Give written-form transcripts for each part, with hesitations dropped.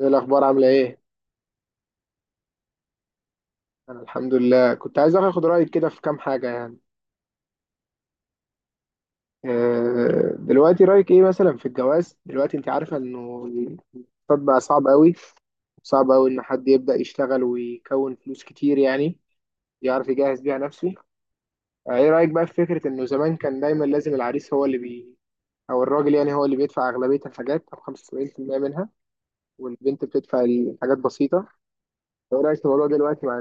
ايه الاخبار؟ عامله ايه؟ انا الحمد لله، كنت عايز اخد رايك كده في كام حاجه دلوقتي رايك ايه مثلا في الجواز؟ دلوقتي انت عارفه انه الاقتصاد بقى صعب قوي. صعب قوي ان حد يبدا يشتغل ويكون فلوس كتير يعني يعرف يجهز بيها نفسه. ايه رايك بقى في فكره انه زمان كان دايما لازم العريس هو اللي بي او الراجل يعني هو اللي بيدفع اغلبيه الحاجات او 75% منها، والبنت بتدفع الحاجات بسيطه. ايه رايك في الموضوع دلوقتي مع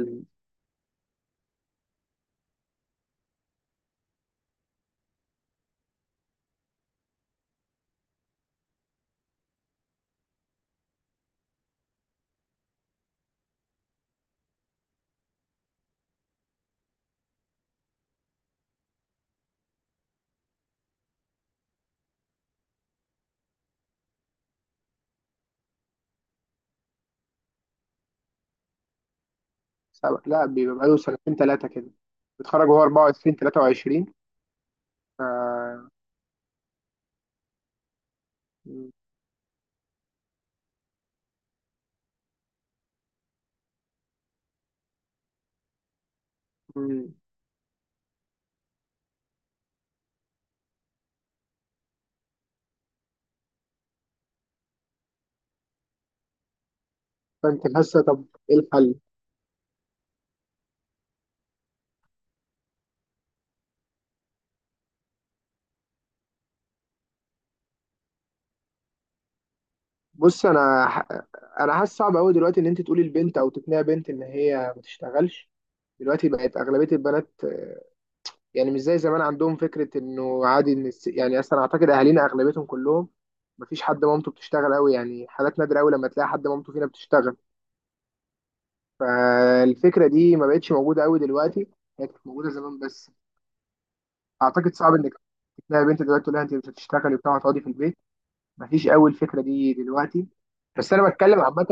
سبع؟ لا، بيبقى بقاله سنتين ثلاثة كده، بيتخرج وهو 24 23. ف... مم. فانت حاسة طب ايه الحل؟ بص انا ح... انا حاسس صعب قوي دلوقتي ان انت تقولي لبنت او تقنعي بنت ان هي ما تشتغلش. دلوقتي بقت اغلبيه البنات، يعني مش زي زمان، عندهم فكره انه عادي ان يعني اصلا اعتقد اهالينا اغلبيتهم كلهم، ما فيش حد مامته بتشتغل قوي، يعني حالات نادره قوي لما تلاقي حد مامته فينا بتشتغل. فالفكره دي ما بقتش موجوده قوي دلوقتي، هي كانت موجوده زمان بس. اعتقد صعب انك تلاقي بنت دلوقتي تقول لها انت مش هتشتغلي وبتاع، هتقعدي في البيت. مفيش قوي الفكره دي دلوقتي. بس انا بتكلم عامه.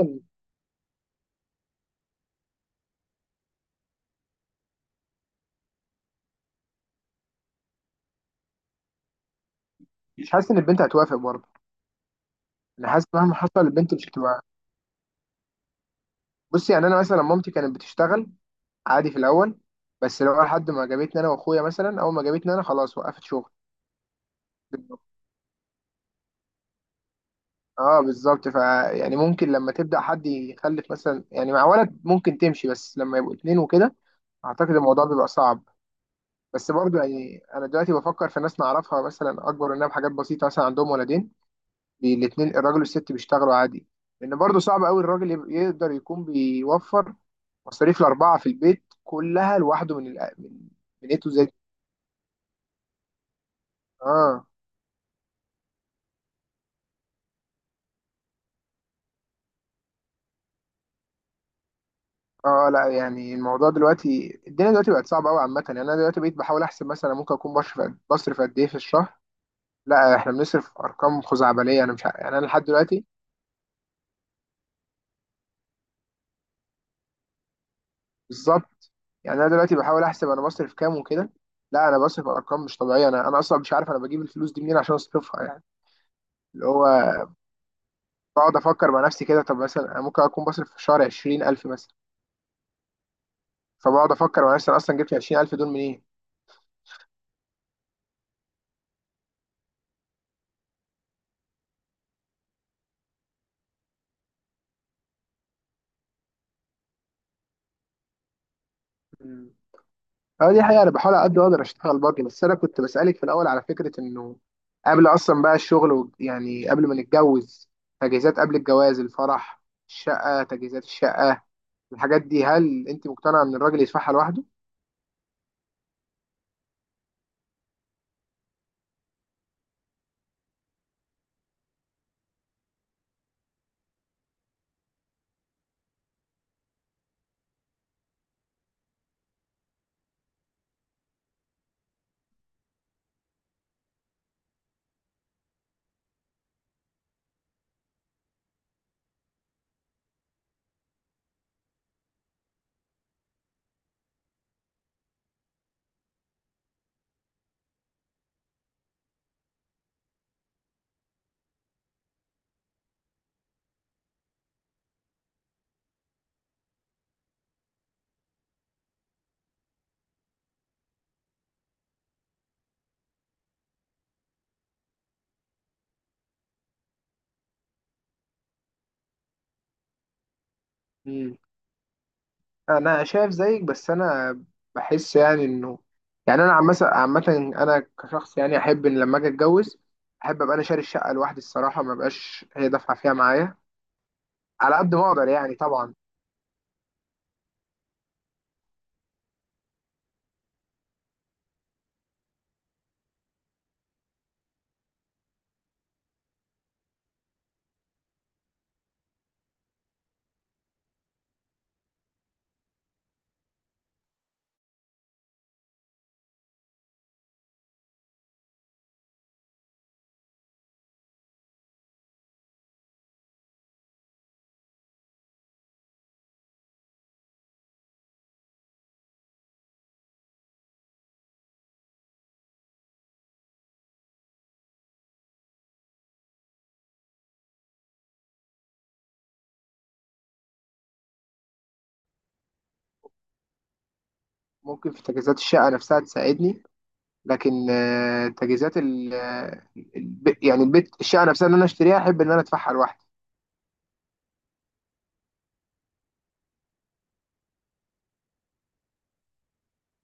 مش حاسس ان البنت هتوافق برضه. انا حاسس مهما حصل البنت مش هتبقى. بصي، يعني انا مثلا مامتي كانت بتشتغل عادي في الاول، بس لو لحد ما جابتني، انا واخويا مثلا، اول ما جابتني انا خلاص وقفت شغل. اه بالظبط. ف يعني ممكن لما تبدا حد يخلف مثلا، يعني مع ولد ممكن تمشي، بس لما يبقوا اتنين وكده اعتقد الموضوع بيبقى صعب. بس برضه يعني انا دلوقتي بفكر في ناس نعرفها مثلا اكبر مننا بحاجات بسيطه، مثلا عندهم ولدين، الاتنين الراجل والست بيشتغلوا عادي، لان برضه صعب قوي الراجل يقدر يكون بيوفر مصاريف الاربعه في البيت كلها لوحده من من ايه تو زد. اه. اه لا، يعني الموضوع دلوقتي الدنيا دلوقتي بقت صعبه قوي عامه. يعني انا دلوقتي بقيت بحاول احسب مثلا ممكن اكون بصرف قد ايه في الشهر. لا احنا بنصرف ارقام خزعبليه. انا مش ع- يعني انا لحد دلوقتي بالظبط. يعني انا دلوقتي بحاول احسب انا بصرف كام وكده. لا، انا بصرف ارقام مش طبيعيه. انا اصلا مش عارف انا بجيب الفلوس دي منين عشان اصرفها يعني. اللي هو بقعد افكر مع نفسي كده، طب مثلا انا ممكن اكون بصرف في الشهر 20000 مثلا، فبقعد افكر مع نفسي انا اصلا جبت 20000 دول منين. مم. اه دي حقيقة، أنا بحاول على قد ما أقدر أشتغل باجي. بس أنا كنت بسألك في الأول على فكرة إنه قبل أصلا بقى الشغل يعني قبل ما نتجوز، تجهيزات قبل الجواز، الفرح، الشقة، تجهيزات الشقة، الحاجات دي، هل أنت مقتنعة إن الراجل يدفعها لوحده؟ انا شايف زيك، بس انا بحس يعني انه، يعني انا عامه عامه انا كشخص، يعني احب ان لما اجي اتجوز احب ابقى انا شاري الشقه لوحدي الصراحه، ما بقاش هي دافعه فيها معايا، على قد ما اقدر يعني طبعا. ممكن في تجهيزات الشقه نفسها تساعدني، لكن تجهيزات يعني البيت، الشقه نفسها اللي انا اشتريها احب ان انا ادفعها لوحدي.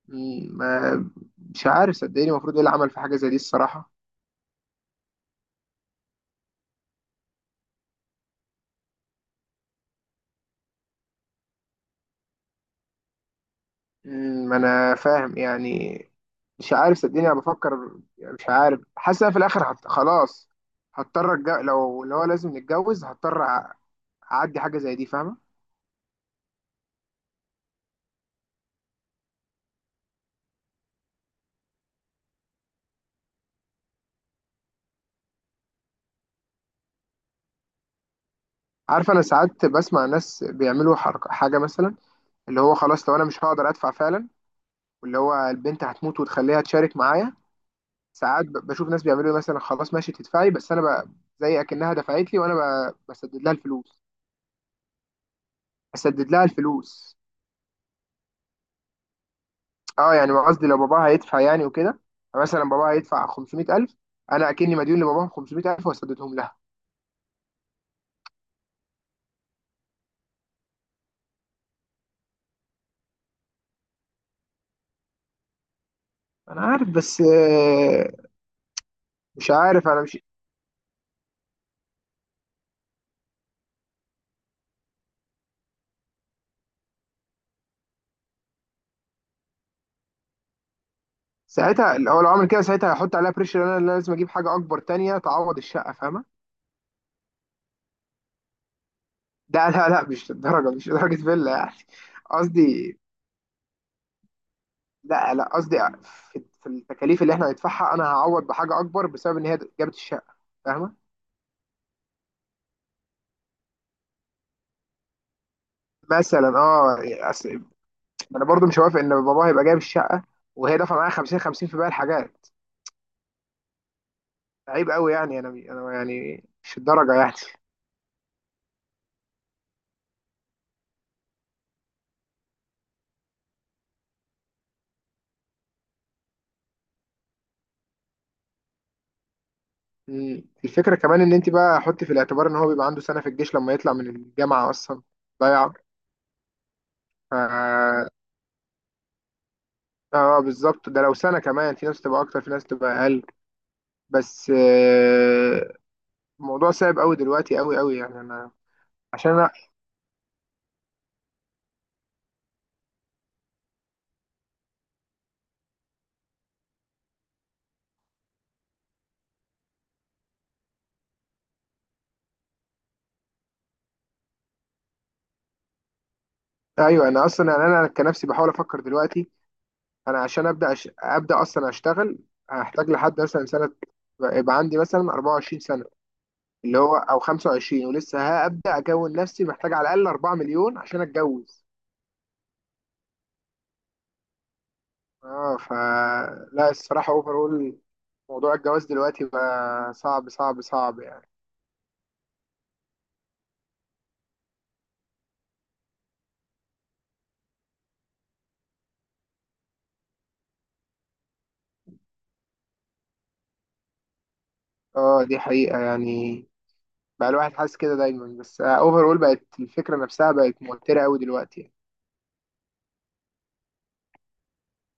م- ما- مش عارف صدقني المفروض ايه اللي عمل في حاجه زي دي الصراحه. ما انا فاهم يعني. مش عارف صدقني، انا بفكر يعني. مش عارف حاسس إن أنا في الاخر خلاص هضطر لو هو لازم نتجوز هضطر اعدي حاجه زي دي، فاهمه. عارف، انا ساعات بسمع ناس بيعملوا حركه حاجه مثلا اللي هو، خلاص لو انا مش هقدر ادفع فعلا، واللي هو البنت هتموت وتخليها تشارك معايا. ساعات بشوف ناس بيعملوا إيه مثلا، خلاص ماشي تدفعي، بس انا زي اكنها دفعت لي وانا بسدد لها الفلوس. بسدد لها الفلوس. اه يعني، ما قصدي لو باباها هيدفع يعني وكده يعني، مثلا باباها هيدفع 500000، انا اكني مديون لباباها 500000 وسددهم لها. انا عارف، بس مش عارف، انا مش. ساعتها لو عمل كده ساعتها هيحط عليها بريشر، انا اللي لازم اجيب حاجه اكبر تانية تعوض الشقه، فاهمه. لا، مش للدرجه، مش لدرجه فيلا يعني. قصدي، لا قصدي، في في التكاليف اللي احنا هندفعها انا هعوض بحاجه اكبر بسبب ان هي جابت الشقه، فاهمه. مثلا اه. انا برضو مش موافق ان باباه هيبقى جايب الشقه وهي دافعه معايا 50 50 في باقي الحاجات. عيب قوي يعني. انا يعني مش الدرجه يعني. الفكره كمان ان انت بقى حطي في الاعتبار ان هو بيبقى عنده سنه في الجيش لما يطلع من الجامعه اصلا، ضايعه. اه بالظبط، ده لو سنه، كمان في ناس تبقى اكتر، في ناس تبقى اقل. بس الموضوع صعب قوي دلوقتي، قوي قوي يعني انا، عشان انا. ايوه، انا اصلا يعني انا كنفسي بحاول افكر دلوقتي، انا عشان ابدا ابدا اصلا اشتغل هحتاج لحد مثلا سنه، يبقى عندي مثلا 24 سنه اللي هو او 25، ولسه هبدا اكون نفسي، محتاج على الاقل 4 مليون عشان اتجوز. اه ف. لا الصراحه اوفرول موضوع الجواز دلوقتي بقى صعب صعب صعب يعني. اه دي حقيقه يعني، بقى الواحد حاسس كده دايما. بس اوفرول بقت الفكره نفسها بقت موتره قوي دلوقتي يعني.